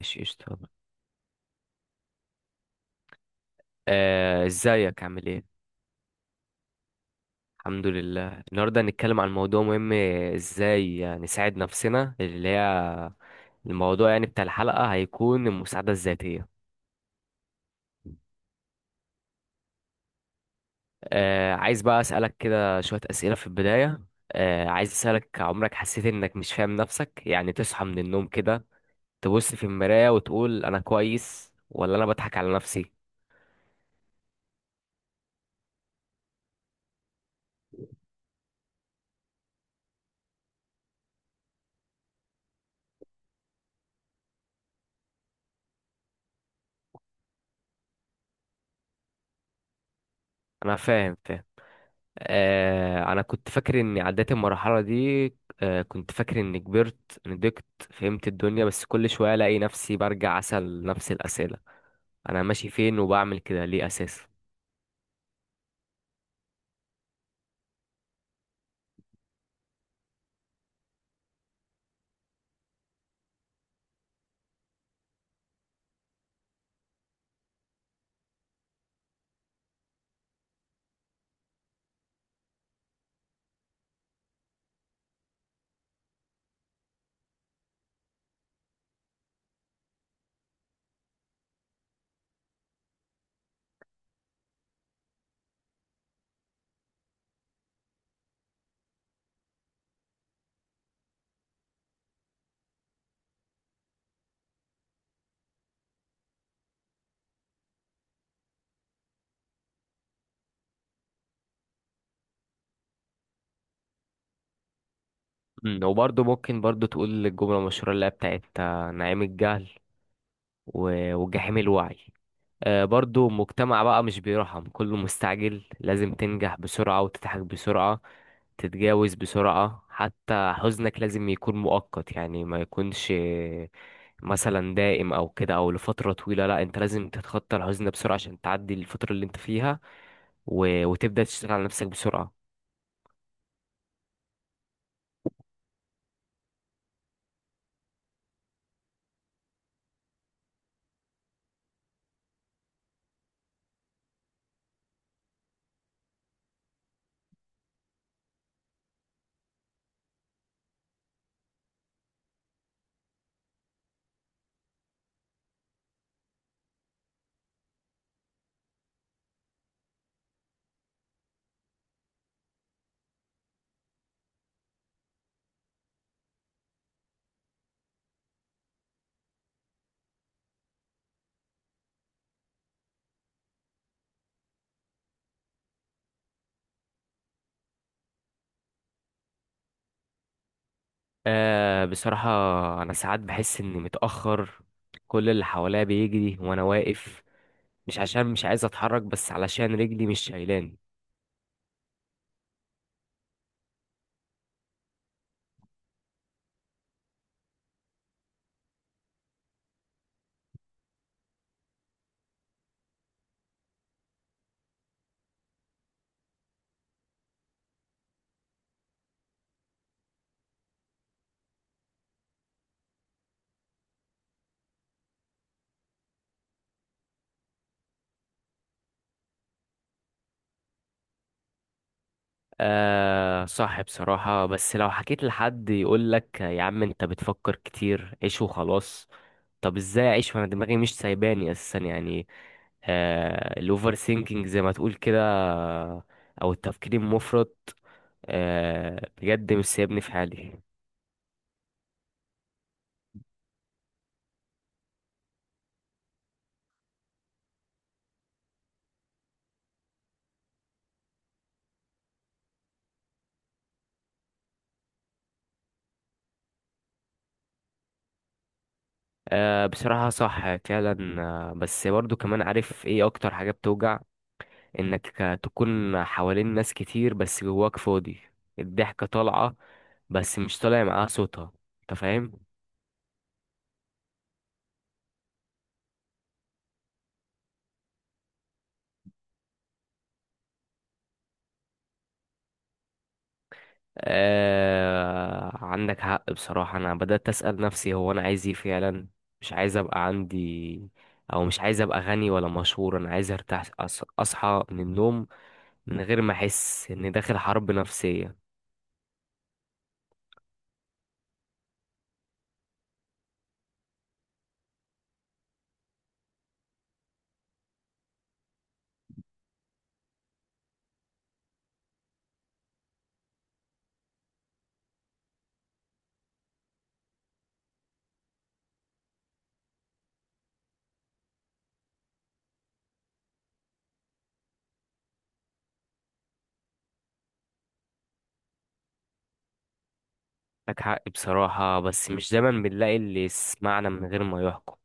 ماشي قشطة. ازيك عامل ايه؟ الحمد لله النهاردة هنتكلم عن موضوع مهم. ازاي يعني نساعد نفسنا اللي هي الموضوع يعني بتاع الحلقة هيكون المساعدة الذاتية. عايز بقى اسألك كده شوية اسئلة في البداية. عايز اسألك عمرك حسيت انك مش فاهم نفسك، يعني تصحى من النوم كده تبص في المراية وتقول انا كويس ولا انا بضحك على نفسي؟ انا فاهم. آه، انا كنت فاكر اني عديت المرحله دي. آه، كنت فاكر اني كبرت نضجت فهمت الدنيا، بس كل شويه الاقي نفسي برجع اسال نفس الاسئله: انا ماشي فين وبعمل كده ليه اساسا. وبرضه ممكن برضه تقول الجمله المشهوره اللي هي بتاعت نعيم الجهل و- وجحيم الوعي. آه، برضه مجتمع بقى مش بيرحم، كله مستعجل، لازم تنجح بسرعه وتضحك بسرعه، تتجاوز بسرعة، حتى حزنك لازم يكون مؤقت، يعني ما يكونش مثلا دائم او كده او لفترة طويلة. لا، انت لازم تتخطى الحزن ده بسرعة عشان تعدي الفترة اللي انت فيها و... وتبدأ تشتغل على نفسك بسرعة. آه، بصراحة انا ساعات بحس اني متأخر، كل اللي حواليا بيجري وانا واقف، مش عشان مش عايز اتحرك بس علشان رجلي مش شايلاني. آه، صح بصراحة، بس لو حكيت لحد يقولك يا عم انت بتفكر كتير، عيش وخلاص. طب ازاي اعيش وانا دماغي مش سايباني اساسا؟ يعني آه، الاوفر سينكينج زي ما تقول كده، او التفكير المفرط، آه بجد مش سايبني في حالي. آه، بصراحة صح فعلا. آه، بس برضو كمان عارف ايه اكتر حاجة بتوجع؟ انك تكون حوالين ناس كتير بس جواك فاضي، الضحكة طالعة بس مش طالع معاها صوتها، انت فاهم. آه، عندك حق بصراحة. أنا بدأت أسأل نفسي هو أنا عايز إيه فعلا؟ مش عايز أبقى عندي، أو مش عايز أبقى غني ولا مشهور، أنا عايز أرتاح، أص- أصحى من النوم من غير ما أحس إني داخل حرب نفسية. عندك حق بصراحة، بس مش دايما بنلاقي اللي يسمعنا من غير ما يحكم.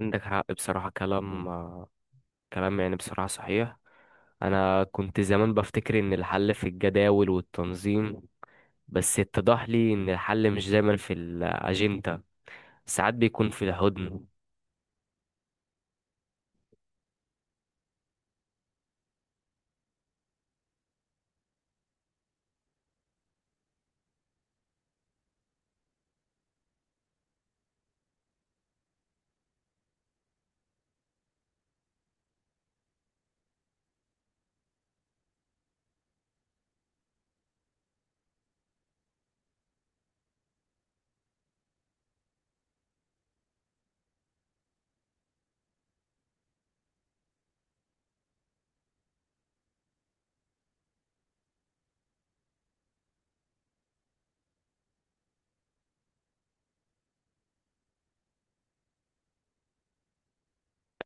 عندك حق بصراحة، كلام كلام يعني بصراحة صحيح. أنا كنت زمان بفتكر إن الحل في الجداول والتنظيم، بس اتضح لي إن الحل مش دايما في الأجندة، ساعات بيكون في الهدن.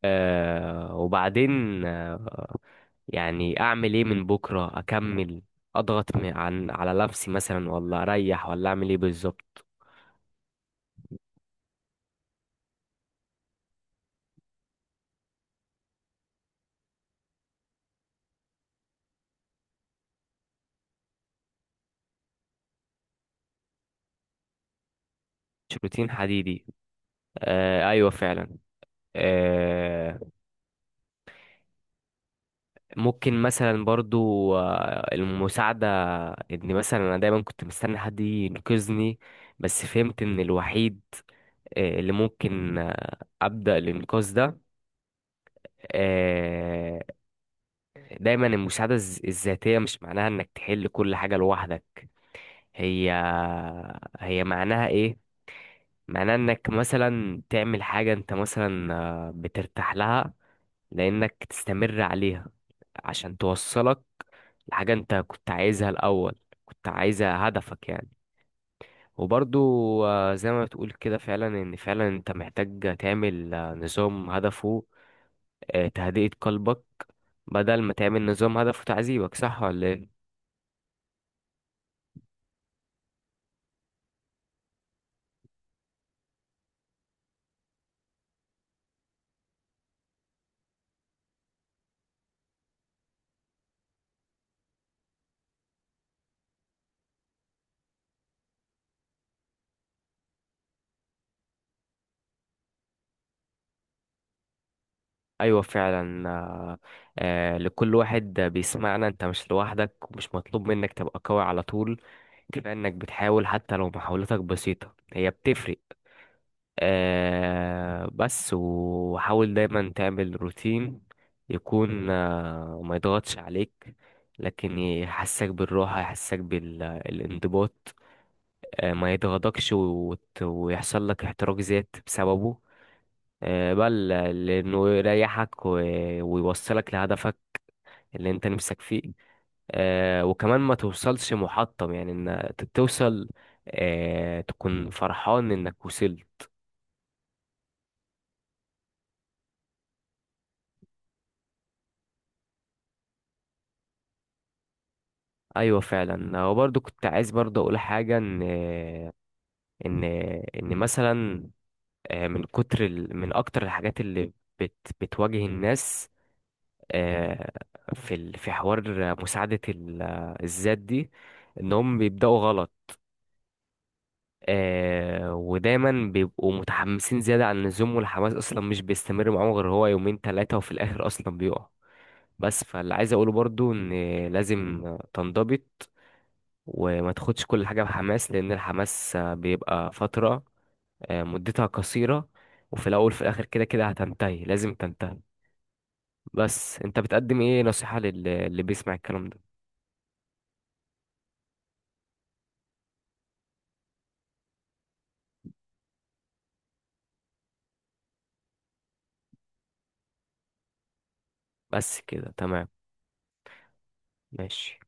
آه، وبعدين آه، يعني اعمل ايه؟ من بكره اكمل، اضغط م- عن على نفسي مثلا، ولا اريح، ولا اعمل ايه بالظبط؟ مش روتين حديدي. آه، ايوه فعلا. آه، ممكن مثلا برضو آه، المساعده. ان مثلا انا دايما كنت مستني حد ينقذني، بس فهمت ان الوحيد آه، اللي ممكن آه، ابدا الانقاذ ده. آه، دايما المساعدة الذ- الذاتية مش معناها انك تحل كل حاجة لوحدك. هي هي معناها ايه؟ معناها انك مثلا تعمل حاجة انت مثلا بترتاح لها لانك تستمر عليها عشان توصلك لحاجة انت كنت عايزها الاول، كنت عايزها هدفك يعني. وبرضو زي ما بتقول كده فعلا ان فعلا انت محتاج تعمل نظام هدفه تهدئة قلبك، بدل ما تعمل نظام هدفه تعذيبك، صح ولا ايه؟ ايوه فعلا. لكل واحد بيسمعنا، انت مش لوحدك ومش مطلوب منك تبقى قوي على طول، كفايه انك بتحاول، حتى لو محاولتك بسيطه هي بتفرق. آه، بس وحاول دايما تعمل روتين يكون آه، ما يضغطش عليك، لكن يحسك بالراحه يحسك بالانضباط، آه، ما يضغطكش وت- ويحصل لك احتراق ذات بسببه، بل لأنه يريحك و- ويوصلك لهدفك اللي انت نفسك فيه. آه، وكمان ما توصلش محطم، يعني توصل آه، تكون فرحان انك وصلت. ايوه فعلا، وبرضه كنت عايز برضه اقول حاجه، ان ان مثلا من اكتر الحاجات اللي بت... بتواجه الناس آه، في حوار مساعده الذات دي، انهم بيبداوا غلط. آه، ودايما بيبقوا متحمسين زيادة عن اللزوم، والحماس أصلا مش بيستمر معاهم غير هو يومين تلاتة وفي الآخر أصلا بيقع. بس فاللي عايز أقوله برضو إن لازم تنضبط وما تاخدش كل حاجة بحماس، لأن الحماس بيبقى فترة مدتها قصيرة، وفي الأول في الآخر كده كده هتنتهي، لازم تنتهي. بس أنت بتقدم إيه نصيحة اللي بيسمع الكلام ده؟ بس كده تمام، ماشي.